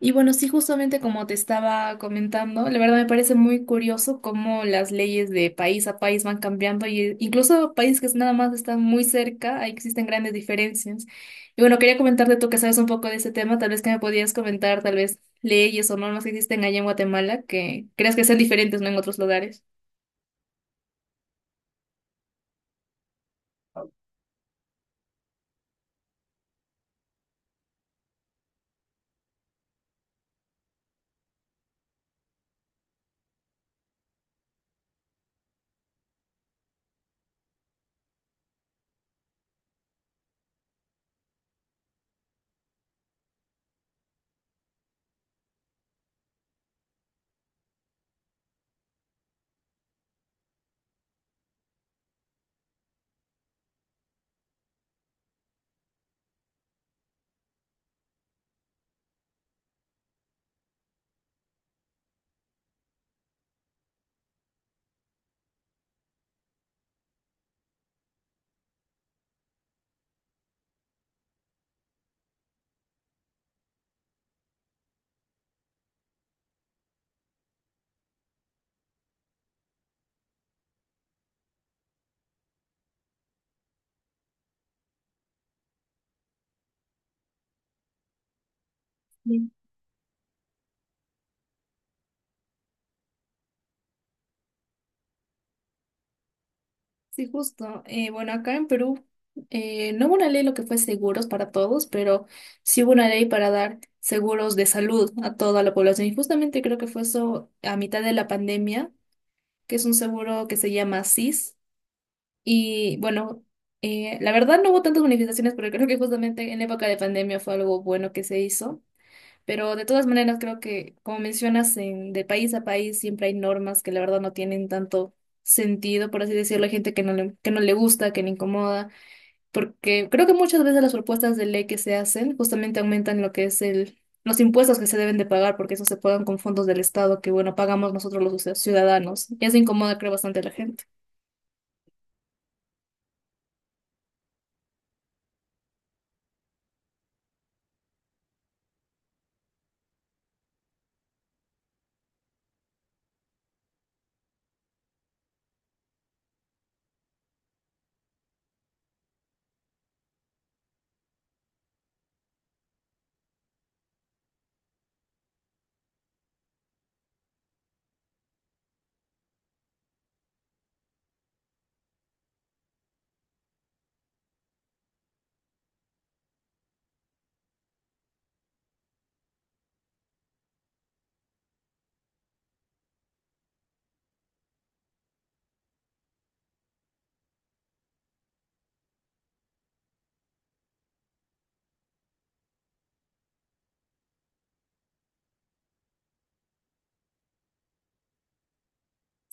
Y bueno, sí, justamente como te estaba comentando, la verdad me parece muy curioso cómo las leyes de país a país van cambiando y incluso países que nada más están muy cerca, ahí existen grandes diferencias. Y bueno, quería comentarte tú que sabes un poco de ese tema, tal vez que me podías comentar tal vez leyes o normas que existen allá en Guatemala que creas que sean diferentes, ¿no? En otros lugares. Sí, justo. Bueno, acá en Perú no hubo una ley lo que fue seguros para todos, pero sí hubo una ley para dar seguros de salud a toda la población. Y justamente creo que fue eso a mitad de la pandemia, que es un seguro que se llama SIS. Y bueno, la verdad no hubo tantas manifestaciones pero creo que justamente en época de pandemia fue algo bueno que se hizo. Pero de todas maneras, creo que, como mencionas, de país a país siempre hay normas que la verdad no tienen tanto sentido, por así decirlo. Hay gente que que no le gusta, que le incomoda, porque creo que muchas veces las propuestas de ley que se hacen justamente aumentan lo que es los impuestos que se deben de pagar, porque eso se pagan con fondos del Estado que, bueno, pagamos nosotros los ciudadanos. Y eso incomoda, creo, bastante a la gente.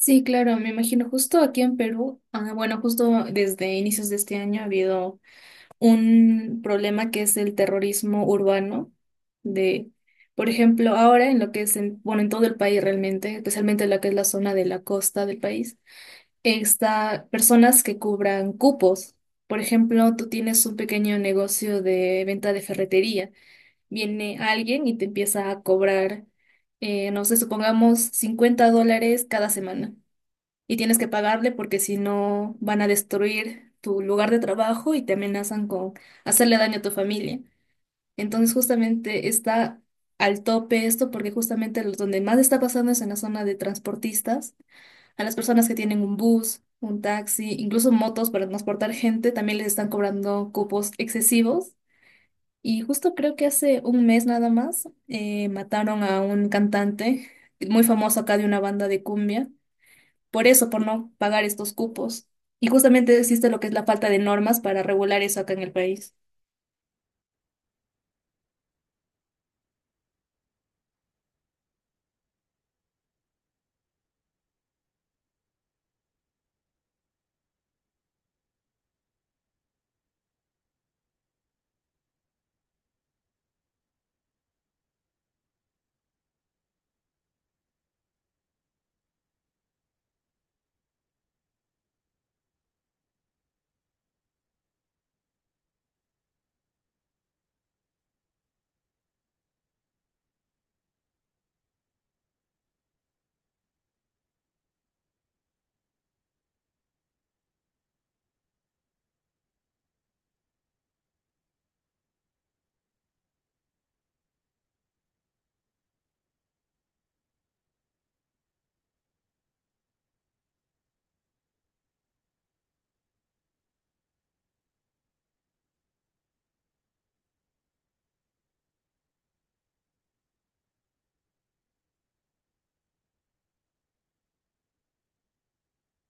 Sí, claro, me imagino. Justo aquí en Perú, bueno, justo desde inicios de este año ha habido un problema que es el terrorismo urbano de, por ejemplo, ahora en lo que es bueno, en todo el país realmente, especialmente en lo que es la zona de la costa del país, está personas que cubran cupos. Por ejemplo, tú tienes un pequeño negocio de venta de ferretería. Viene alguien y te empieza a cobrar, no sé, supongamos $50 cada semana y tienes que pagarle porque si no van a destruir tu lugar de trabajo y te amenazan con hacerle daño a tu familia. Entonces justamente está al tope esto porque justamente los donde más está pasando es en la zona de transportistas, a las personas que tienen un bus, un taxi, incluso motos para transportar gente, también les están cobrando cupos excesivos. Y justo creo que hace un mes nada más mataron a un cantante muy famoso acá de una banda de cumbia por eso, por no pagar estos cupos. Y justamente existe lo que es la falta de normas para regular eso acá en el país.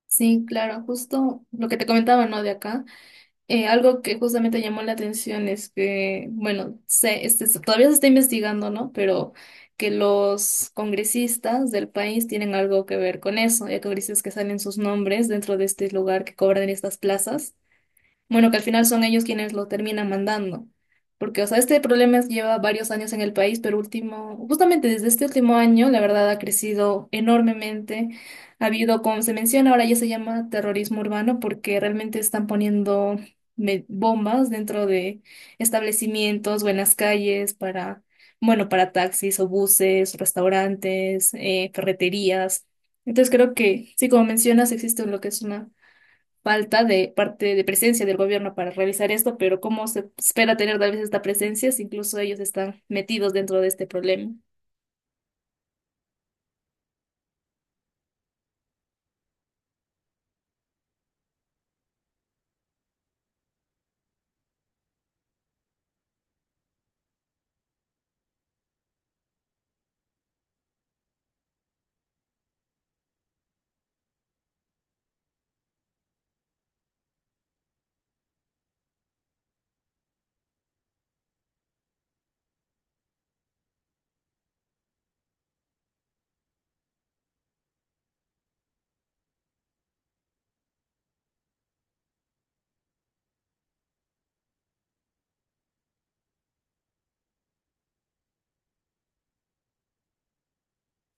Sí, claro, justo lo que te comentaba, ¿no? De acá, algo que justamente llamó la atención es que, bueno, todavía se está investigando, ¿no? Pero que los congresistas del país tienen algo que ver con eso. Hay congresistas que salen sus nombres dentro de este lugar que cobran estas plazas. Bueno, que al final son ellos quienes lo terminan mandando. Porque, o sea, este problema lleva varios años en el país, pero último, justamente desde este último año, la verdad ha crecido enormemente. Ha habido, como se menciona, ahora ya se llama terrorismo urbano porque realmente están poniendo bombas dentro de establecimientos o en las calles para, bueno, para taxis o buses, restaurantes, ferreterías. Entonces creo que, sí, como mencionas, existe lo que es una falta de parte de presencia del gobierno para realizar esto, pero ¿cómo se espera tener tal vez esta presencia si incluso ellos están metidos dentro de este problema?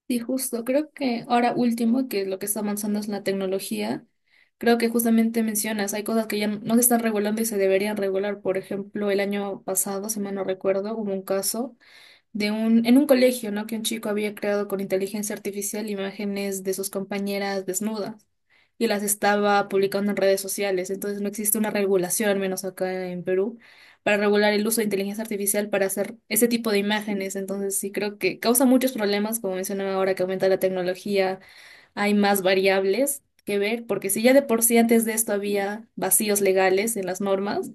Sí, justo. Creo que ahora último, que lo que está avanzando es la tecnología. Creo que justamente mencionas, hay cosas que ya no se están regulando y se deberían regular. Por ejemplo, el año pasado, si mal no recuerdo, hubo un caso en un colegio, ¿no? Que un chico había creado con inteligencia artificial imágenes de sus compañeras desnudas y las estaba publicando en redes sociales. Entonces no existe una regulación, al menos acá en Perú, para regular el uso de inteligencia artificial para hacer ese tipo de imágenes. Entonces sí creo que causa muchos problemas, como mencionaba ahora, que aumenta la tecnología hay más variables que ver, porque si ya de por sí antes de esto había vacíos legales en las normas,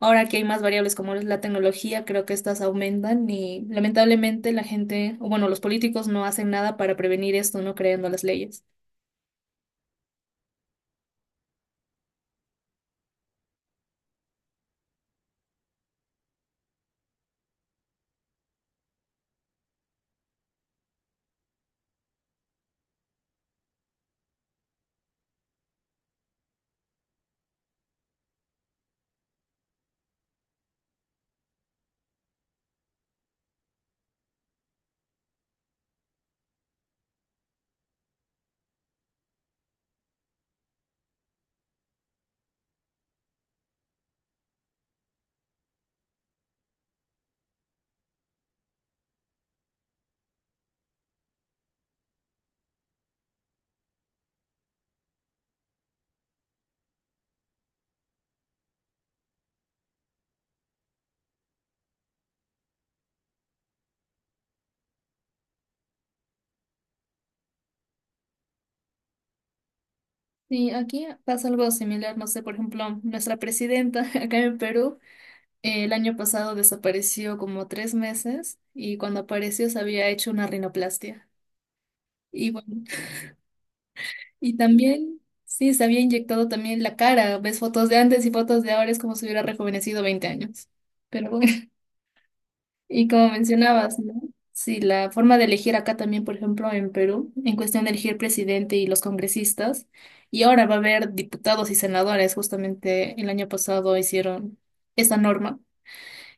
ahora que hay más variables como es la tecnología, creo que estas aumentan y lamentablemente la gente, o bueno, los políticos no hacen nada para prevenir esto, no creando las leyes. Sí, aquí pasa algo similar, no sé, por ejemplo, nuestra presidenta acá en Perú el año pasado desapareció como 3 meses y cuando apareció se había hecho una rinoplastia. Y bueno, y también, sí, se había inyectado también la cara. Ves fotos de antes y fotos de ahora, es como si hubiera rejuvenecido 20 años. Pero bueno, y como mencionabas, ¿no? Sí, la forma de elegir acá también, por ejemplo, en Perú, en cuestión de elegir presidente y los congresistas, y ahora va a haber diputados y senadores, justamente el año pasado hicieron esa norma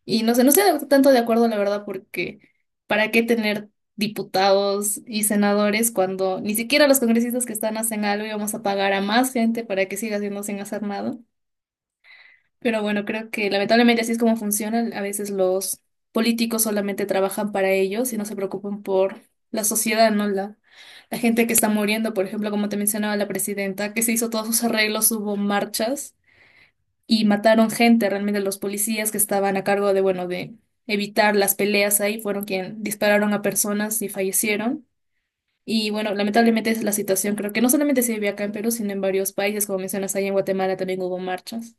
y no sé, no estoy tanto de acuerdo, la verdad, porque ¿para qué tener diputados y senadores cuando ni siquiera los congresistas que están hacen algo y vamos a pagar a más gente para que siga haciendo sin hacer nada? Pero bueno, creo que lamentablemente así es como funcionan. A veces los políticos solamente trabajan para ellos y no se preocupan por la sociedad, ¿no? La gente que está muriendo, por ejemplo, como te mencionaba la presidenta, que se hizo todos sus arreglos, hubo marchas y mataron gente, realmente los policías que estaban a cargo de, bueno, de evitar las peleas ahí, fueron quien dispararon a personas y fallecieron. Y bueno, lamentablemente es la situación, creo que no solamente se vive acá en Perú, sino en varios países, como mencionas, ahí en Guatemala también hubo marchas.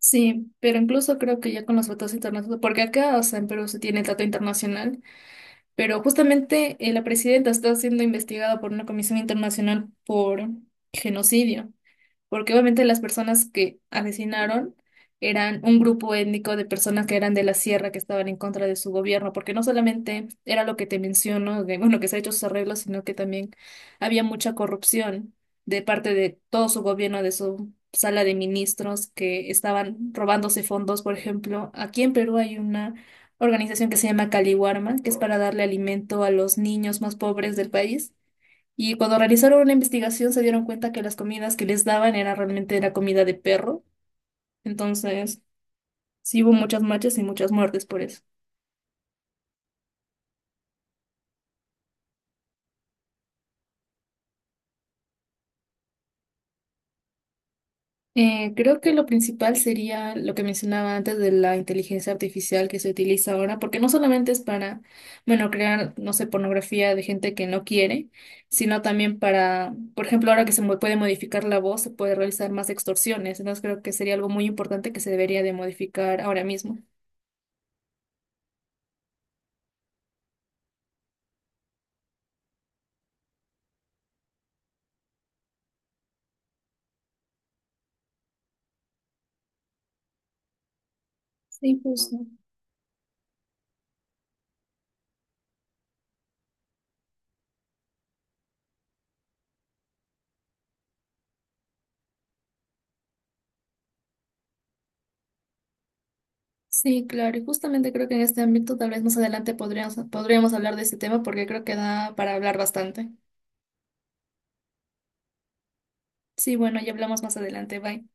Sí, pero incluso creo que ya con los votos internacionales, porque acá, o sea, en Perú se tiene el trato internacional, pero justamente la presidenta está siendo investigada por una comisión internacional por genocidio. Porque obviamente las personas que asesinaron eran un grupo étnico de personas que eran de la sierra que estaban en contra de su gobierno, porque no solamente era lo que te menciono, de, bueno, que se ha hecho sus arreglos, sino que también había mucha corrupción de parte de todo su gobierno, de su sala de ministros que estaban robándose fondos, por ejemplo, aquí en Perú hay una organización que se llama Caliwarma, que es para darle alimento a los niños más pobres del país. Y cuando realizaron una investigación se dieron cuenta que las comidas que les daban era realmente la comida de perro. Entonces, sí hubo muchas marchas y muchas muertes por eso. Creo que lo principal sería lo que mencionaba antes de la inteligencia artificial que se utiliza ahora, porque no solamente es para, bueno, crear, no sé, pornografía de gente que no quiere, sino también para, por ejemplo, ahora que puede modificar la voz, se puede realizar más extorsiones. Entonces, creo que sería algo muy importante que se debería de modificar ahora mismo. Sí, justo. Sí, claro, y justamente creo que en este ámbito tal vez más adelante podríamos hablar de este tema porque creo que da para hablar bastante. Sí, bueno, ya hablamos más adelante, bye.